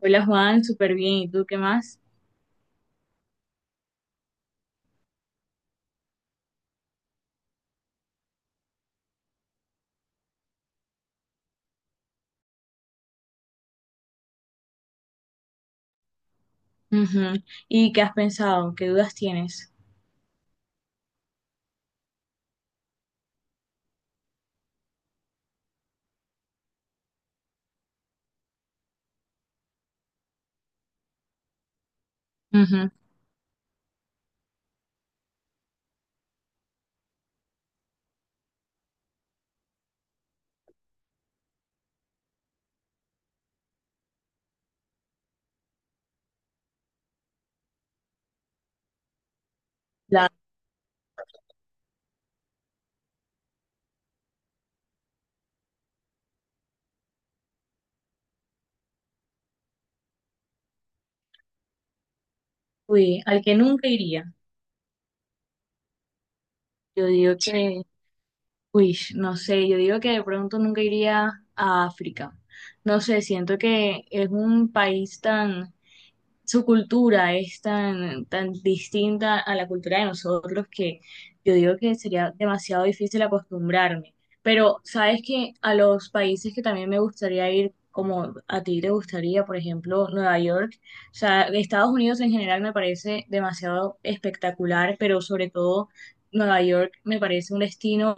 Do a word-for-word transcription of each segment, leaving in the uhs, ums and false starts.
Hola Juan, súper bien. ¿Y tú qué más? Ujú. ¿Y qué has pensado? ¿Qué dudas tienes? Ujú. La, Uy, al que nunca iría. Yo digo sí. Que, uy, no sé, yo digo que de pronto nunca iría a África. No sé, siento que es un país tan, su cultura es tan, tan distinta a la cultura de nosotros, que yo digo que sería demasiado difícil acostumbrarme. Pero sabes que a los países que también me gustaría ir, como a ti te gustaría, por ejemplo, Nueva York, o sea, Estados Unidos en general me parece demasiado espectacular, pero sobre todo Nueva York me parece un destino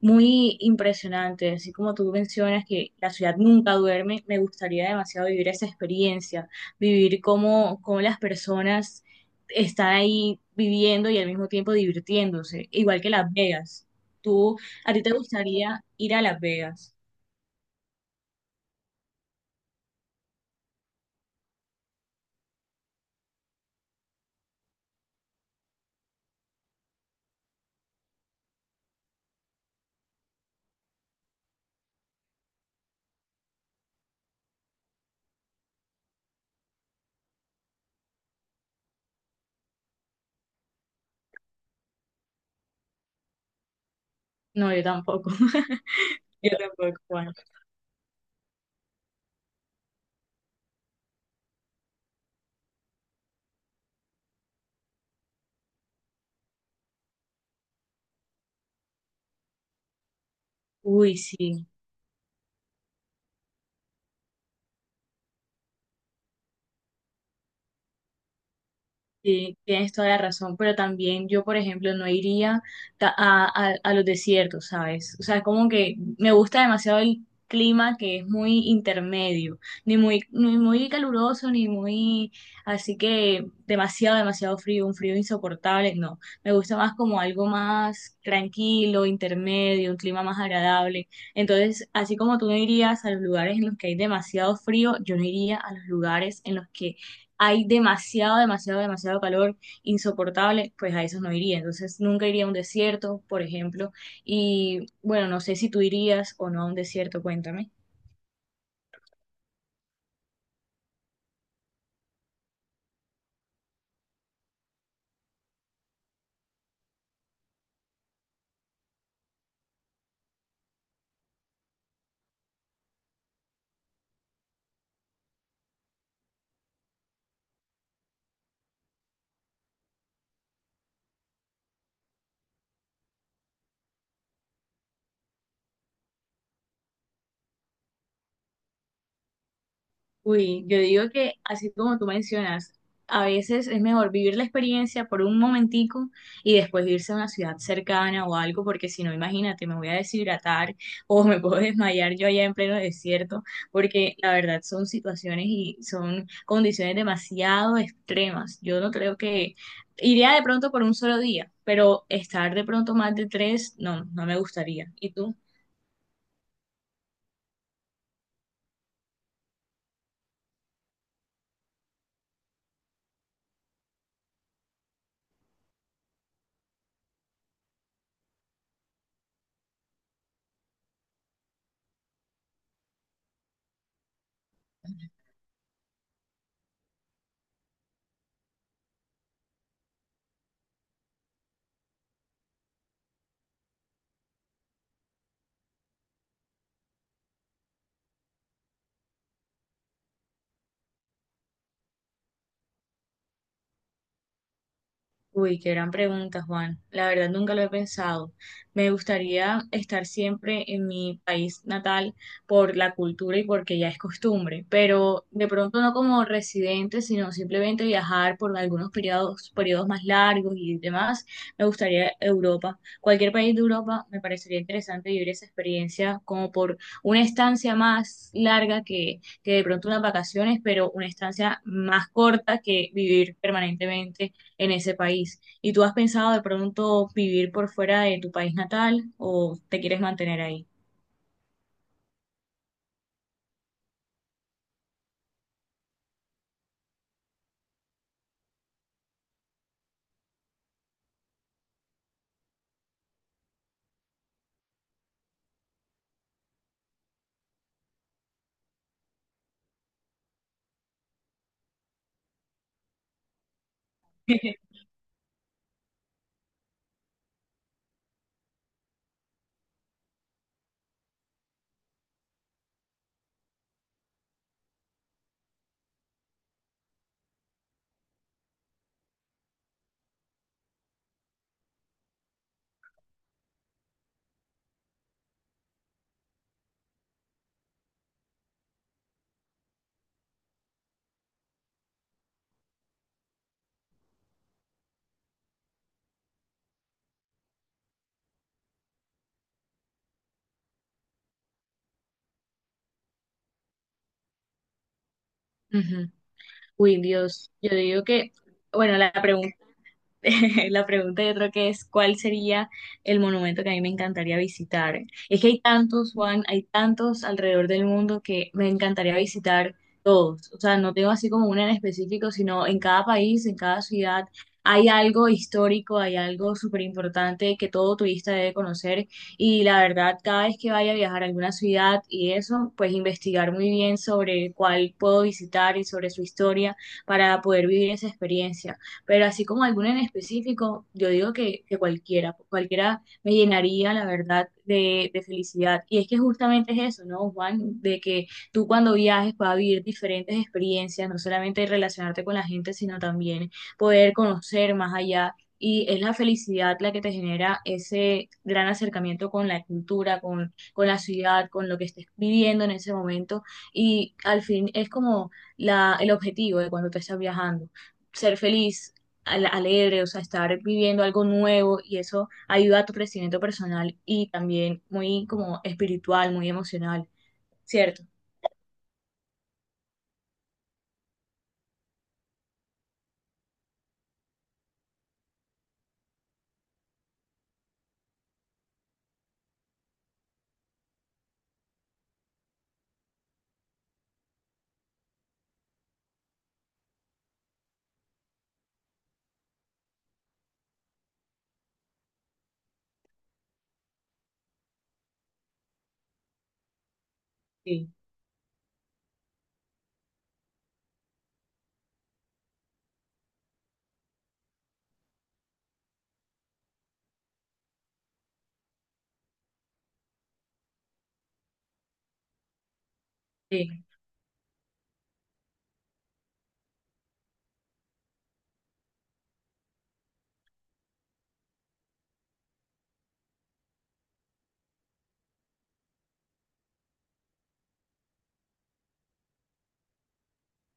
muy impresionante. Así como tú mencionas que la ciudad nunca duerme, me gustaría demasiado vivir esa experiencia, vivir cómo, cómo las personas están ahí viviendo y al mismo tiempo divirtiéndose, igual que Las Vegas. ¿Tú, a ti te gustaría ir a Las Vegas? No, yo tampoco. Yo tampoco, Juan. Uy, sí. Sí, tienes toda la razón, pero también yo, por ejemplo, no iría ta- a, a- a los desiertos, ¿sabes? O sea, es como que me gusta demasiado el clima que es muy intermedio, ni muy, ni muy caluroso, ni muy, así que demasiado, demasiado frío, un frío insoportable, no. Me gusta más como algo más tranquilo, intermedio, un clima más agradable. Entonces, así como tú no irías a los lugares en los que hay demasiado frío, yo no iría a los lugares en los que hay demasiado, demasiado, demasiado calor insoportable, pues a esos no iría. Entonces nunca iría a un desierto, por ejemplo. Y bueno, no sé si tú irías o no a un desierto, cuéntame. Uy, yo digo que así como tú mencionas, a veces es mejor vivir la experiencia por un momentico y después irse a una ciudad cercana o algo, porque si no, imagínate, me voy a deshidratar o me puedo desmayar yo allá en pleno desierto, porque la verdad son situaciones y son condiciones demasiado extremas. Yo no creo que iría de pronto por un solo día, pero estar de pronto más de tres, no, no me gustaría. ¿Y tú? Uy, qué gran pregunta, Juan. La verdad nunca lo he pensado. Me gustaría estar siempre en mi país natal por la cultura y porque ya es costumbre, pero de pronto no como residente, sino simplemente viajar por algunos periodos, periodos más largos y demás. Me gustaría Europa. Cualquier país de Europa me parecería interesante, vivir esa experiencia como por una estancia más larga que, que de pronto unas vacaciones, pero una estancia más corta que vivir permanentemente en ese país. ¿Y tú has pensado de pronto vivir por fuera de tu país natal o te quieres mantener ahí? Ujú. Uy, Dios, yo digo que, bueno, la pregunta la pregunta yo creo que es, ¿cuál sería el monumento que a mí me encantaría visitar? Es que hay tantos, Juan, hay tantos alrededor del mundo que me encantaría visitar todos. O sea, no tengo así como una en específico, sino en cada país, en cada ciudad, hay algo histórico, hay algo súper importante que todo turista debe conocer. Y la verdad, cada vez que vaya a viajar a alguna ciudad y eso, pues investigar muy bien sobre cuál puedo visitar y sobre su historia para poder vivir esa experiencia, pero así como alguno en específico, yo digo que, que cualquiera, cualquiera me llenaría, la verdad, de, de felicidad. Y es que justamente es eso, ¿no, Juan? De que tú, cuando viajes, puedas vivir diferentes experiencias, no solamente relacionarte con la gente, sino también poder conocer más allá. Y es la felicidad la que te genera ese gran acercamiento con la cultura, con, con la ciudad, con lo que estés viviendo en ese momento. Y al fin es como la, el objetivo de cuando te estás viajando, ser feliz, al- alegre, o sea, estar viviendo algo nuevo, y eso ayuda a tu crecimiento personal y también muy como espiritual, muy emocional, ¿cierto? Sí, sí.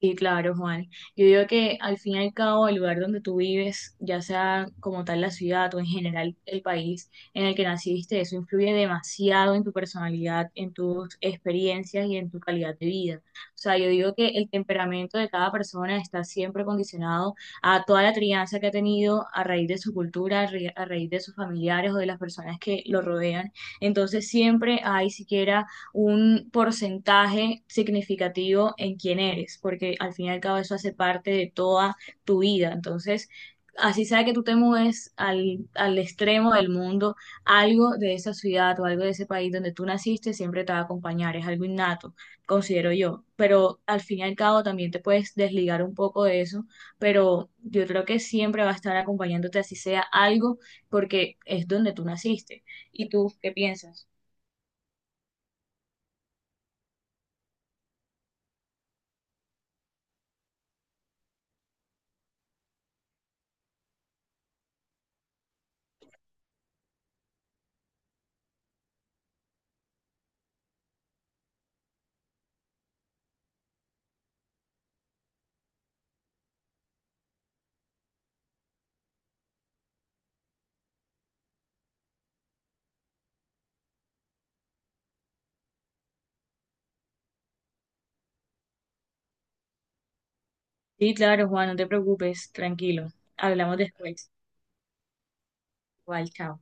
Sí, claro, Juan. Yo digo que al fin y al cabo el lugar donde tú vives, ya sea como tal la ciudad o en general el país en el que naciste, eso influye demasiado en tu personalidad, en tus experiencias y en tu calidad de vida. O sea, yo digo que el temperamento de cada persona está siempre condicionado a toda la crianza que ha tenido a raíz de su cultura, a ra- a raíz de sus familiares o de las personas que lo rodean. Entonces siempre hay siquiera un porcentaje significativo en quién eres, porque al fin y al cabo eso hace parte de toda tu vida. Entonces, así sea que tú te mudes al, al extremo del mundo, algo de esa ciudad o algo de ese país donde tú naciste siempre te va a acompañar, es algo innato, considero yo. Pero al fin y al cabo también te puedes desligar un poco de eso, pero yo creo que siempre va a estar acompañándote, así sea algo, porque es donde tú naciste. ¿Y tú qué piensas? Sí, claro, Juan, no te preocupes, tranquilo. Hablamos después. Igual, chao.